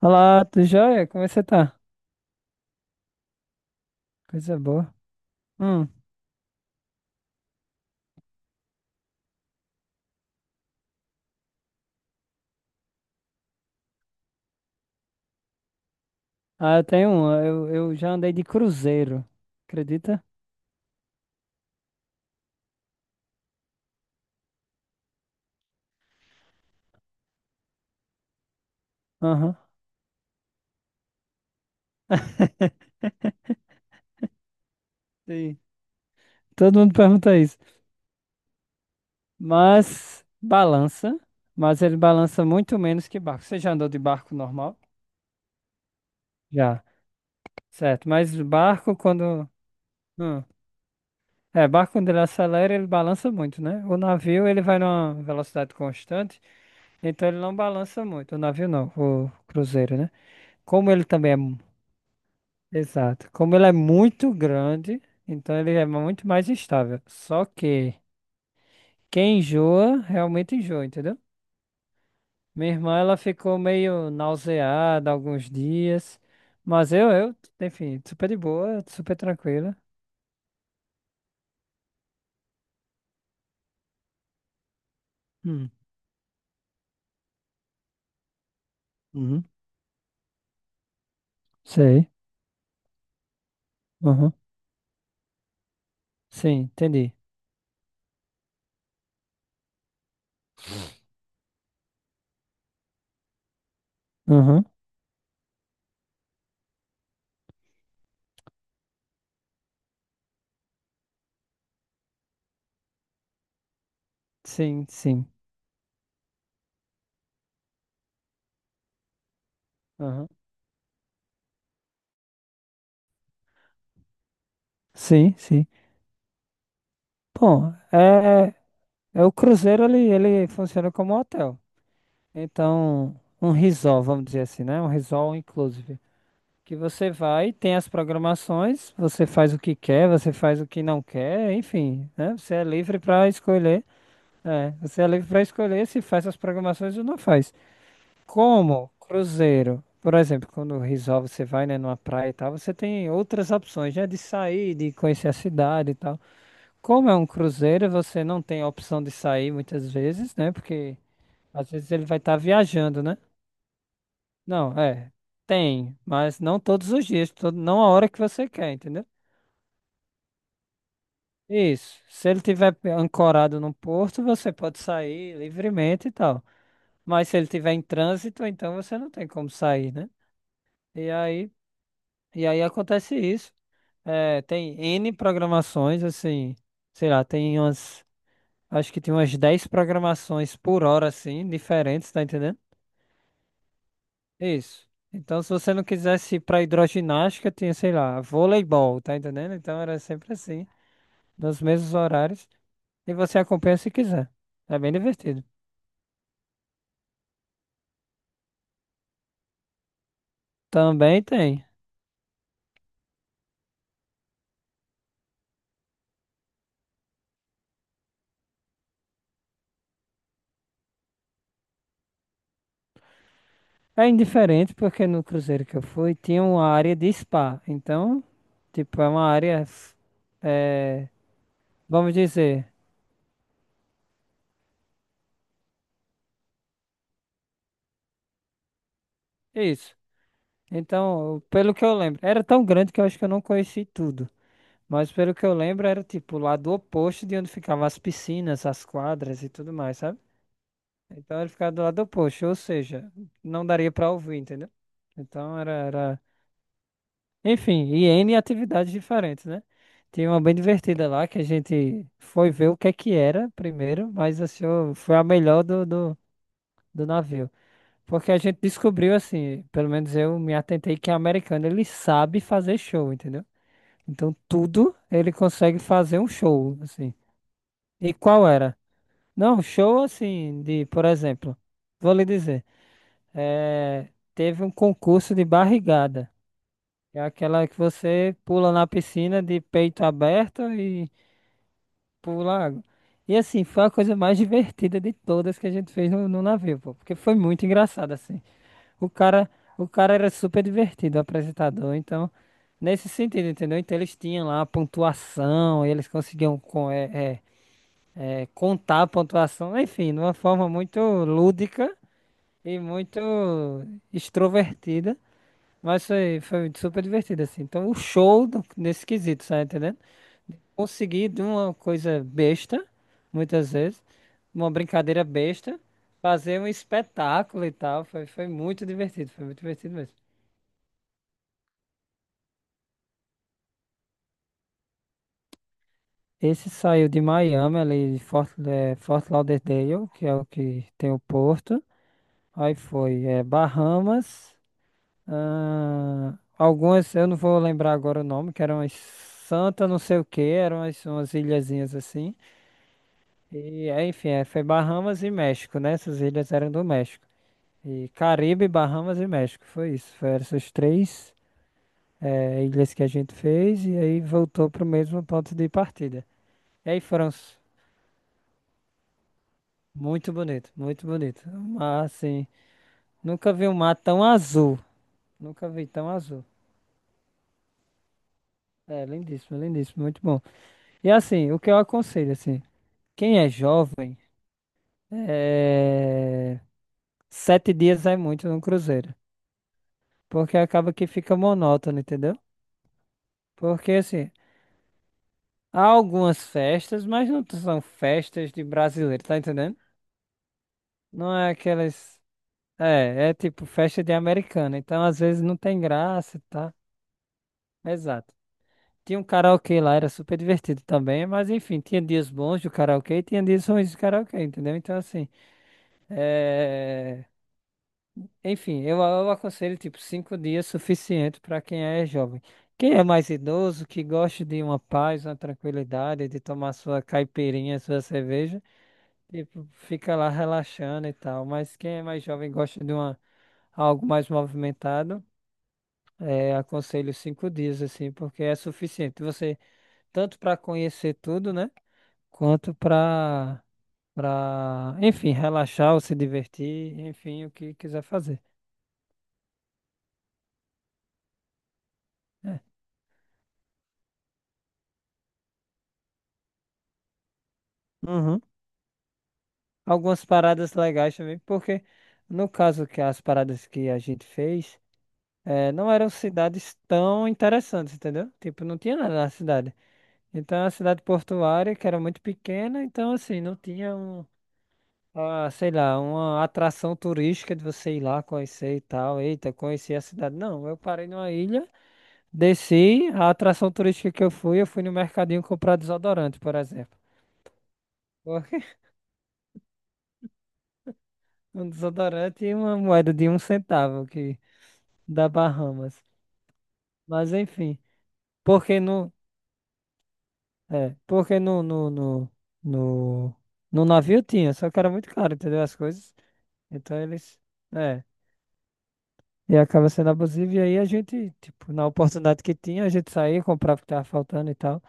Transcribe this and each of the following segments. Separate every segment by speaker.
Speaker 1: Olá, tudo jóia? Como você tá? Coisa boa. Hum. Ah, eu tenho um. Eu já andei de cruzeiro. Acredita? Aham. Sim. Todo mundo pergunta isso. Mas balança. Mas ele balança muito menos que barco. Você já andou de barco normal? Já. Certo. Mas barco, quando. Hum. É, barco, quando ele acelera, ele balança muito, né? O navio, ele vai numa velocidade constante. Então ele não balança muito, o navio não, o cruzeiro, né? Como ele também é. Exato. Como ele é muito grande, então ele é muito mais instável. Só que quem enjoa, realmente enjoa, entendeu? Minha irmã, ela ficou meio nauseada alguns dias, mas eu, enfim, super de boa, super tranquila. Hum. Uhum. Sei. Uhum. Sim, entendi. Uhum. Sim, sim. Uhum. Sim, sim. Bom, é o cruzeiro, ele funciona como um hotel. Então, um resort, vamos dizer assim, né? Um resort inclusive. Que você vai, tem as programações, você faz o que quer, você faz o que não quer, enfim, né? Você é livre para escolher. É, você é livre para escolher se faz as programações ou não faz. Como cruzeiro, por exemplo, quando o resort você vai, né, numa praia e tal, você tem outras opções, né, de sair, de conhecer a cidade e tal. Como é um cruzeiro, você não tem a opção de sair muitas vezes, né? Porque às vezes ele vai estar viajando, né? Não, é. Tem, mas não todos os dias, não a hora que você quer, entendeu? Isso. Se ele tiver ancorado no porto, você pode sair livremente e tal. Mas se ele tiver em trânsito, então você não tem como sair, né? E aí, e aí acontece isso. É, tem N programações, assim, sei lá, acho que tem umas 10 programações por hora, assim, diferentes, tá entendendo? Isso. Então, se você não quisesse ir pra hidroginástica, tinha, sei lá, voleibol, tá entendendo? Então era sempre assim, nos mesmos horários, e você acompanha se quiser. É bem divertido. Também tem. É indiferente porque no cruzeiro que eu fui tinha uma área de spa. Então, tipo, é uma área, é, vamos dizer, isso. Então, pelo que eu lembro, era tão grande que eu acho que eu não conheci tudo. Mas pelo que eu lembro, era tipo o lado oposto de onde ficavam as piscinas, as quadras e tudo mais, sabe? Então ele ficava do lado oposto, ou seja, não daria pra ouvir, entendeu? Então era. Enfim, e N atividades diferentes, né? Tem uma bem divertida lá que a gente foi ver o que é que era primeiro, mas achou, foi a melhor do navio. Porque a gente descobriu, assim, pelo menos eu me atentei que é americano, ele sabe fazer show, entendeu? Então tudo ele consegue fazer um show, assim. E qual era? Não, show assim, de, por exemplo, vou lhe dizer, eh, teve um concurso de barrigada. É aquela que você pula na piscina de peito aberto e pula água. E assim, foi a coisa mais divertida de todas que a gente fez no navio, pô, porque foi muito engraçado, assim. O cara, o cara era super divertido, o apresentador, então, nesse sentido, entendeu? Então eles tinham lá a pontuação, eles conseguiam contar a pontuação, enfim, de uma forma muito lúdica e muito extrovertida. Mas foi super divertido, assim. Então, o show nesse quesito, sabe, entendendo? Consegui de uma coisa besta, muitas vezes, uma brincadeira besta, fazer um espetáculo e tal. Foi muito divertido, foi muito divertido mesmo. Esse saiu de Miami, ali de Fort Lauderdale, que é o que tem o porto. Aí foi Bahamas, ah, algumas, eu não vou lembrar agora o nome, que eram as Santa não sei o que, eram as, umas ilhazinhas assim. E, é, enfim, é, foi Bahamas e México, né? Essas ilhas eram do México. E Caribe, Bahamas e México, foi isso. Foram essas três, ilhas que a gente fez e aí voltou para o mesmo ponto de partida. E aí foram s- muito bonito, muito bonito. O mar, assim, nunca vi um mar tão azul. Nunca vi tão azul. É, lindíssimo, lindíssimo, muito bom. E assim, o que eu aconselho, assim, quem é jovem, eh, 7 dias é muito num cruzeiro. Porque acaba que fica monótono, entendeu? Porque assim, há algumas festas, mas não são festas de brasileiro, tá entendendo? Não é aquelas. É tipo festa de americano, então às vezes não tem graça tá? Exato. Tinha um karaokê lá, era super divertido também, mas enfim, tinha dias bons do karaokê e tinha dias ruins do karaokê, entendeu? Então assim, é... enfim, eu aconselho tipo 5 dias suficiente para quem é jovem. Quem é mais idoso, que gosta de uma paz, uma tranquilidade, de tomar sua caipirinha, sua cerveja, tipo, fica lá relaxando e tal. Mas quem é mais jovem e gosta algo mais movimentado, aconselho 5 dias, assim, porque é suficiente. Você, tanto para conhecer tudo, né? Quanto para, enfim, relaxar ou se divertir, enfim, o que quiser fazer. Uhum. Algumas paradas legais também, porque no caso que as paradas que a gente fez, não eram cidades tão interessantes, entendeu? Tipo, não tinha nada na cidade. Então, a cidade portuária, que era muito pequena, então, assim, não tinha um, ah, sei lá, uma atração turística de você ir lá conhecer e tal. Eita, conheci a cidade. Não, eu parei numa ilha, desci, a atração turística que eu fui no mercadinho comprar desodorante, por exemplo. Porque um desodorante e uma moeda de um centavo que da Bahamas. Mas, enfim, porque no, é, porque no, no, no, no, no navio tinha, só que era muito caro, entendeu? As coisas. Então, eles. É, E acaba sendo abusivo. E aí a gente, tipo, na oportunidade que tinha, a gente saía, comprava o que tava faltando e tal.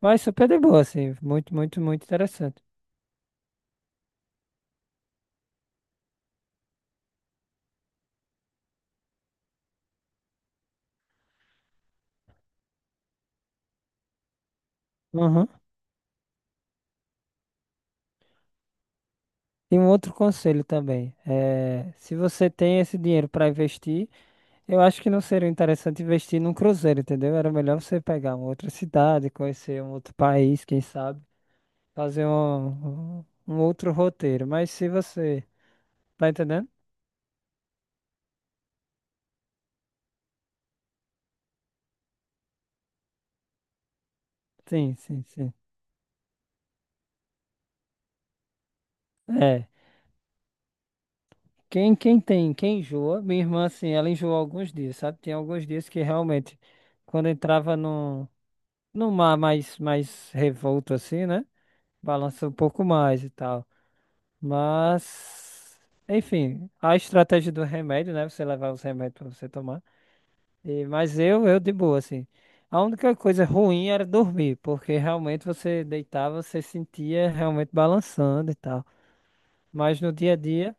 Speaker 1: Mas super de boa, assim. Muito, muito, muito interessante. Uhum. E um outro conselho também. É, se você tem esse dinheiro para investir, eu acho que não seria interessante investir num cruzeiro, entendeu? Era melhor você pegar uma outra cidade, conhecer um outro país, quem sabe, fazer um outro roteiro. Mas se você. Tá entendendo? Sim, sim, sim. é quem enjoa, minha irmã, assim, ela enjoou alguns dias, sabe? Tem alguns dias que realmente, quando entrava no mar mais revolto, assim, né? Balança um pouco mais e tal. Mas, enfim, a estratégia do remédio, né? Você levar os remédios pra você tomar. E, mas eu de boa, assim. A única coisa ruim era dormir, porque realmente você deitava, você sentia realmente balançando e tal. Mas no dia a dia,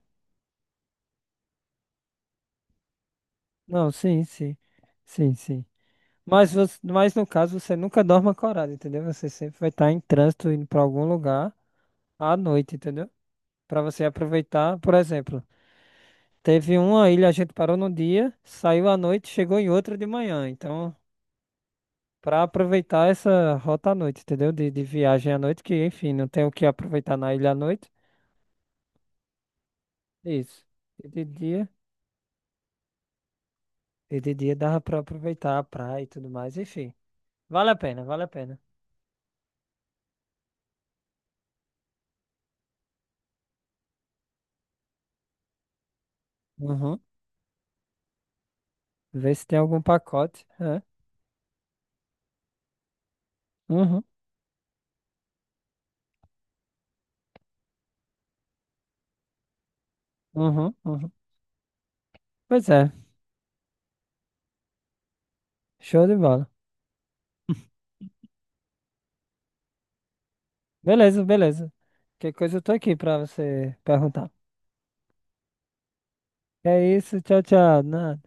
Speaker 1: não, sim, sim. Sim, sim. Mas no caso, você nunca dorme acordado, entendeu? Você sempre vai estar em trânsito indo para algum lugar à noite, entendeu? Para você aproveitar, por exemplo, teve uma ilha, a gente parou no dia, saiu à noite, chegou em outra de manhã. Então, para aproveitar essa rota à noite, entendeu? De viagem à noite, que enfim, não tem o que aproveitar na ilha à noite. Isso. E de dia, e de dia dava para aproveitar a praia e tudo mais, enfim. Vale a pena, vale a pena. Uhum. Ver se tem algum pacote. É. Uhum. Uhum, uhum. Pois é, show de bola. Beleza, beleza. Que coisa eu tô aqui pra você perguntar. É isso, tchau, tchau.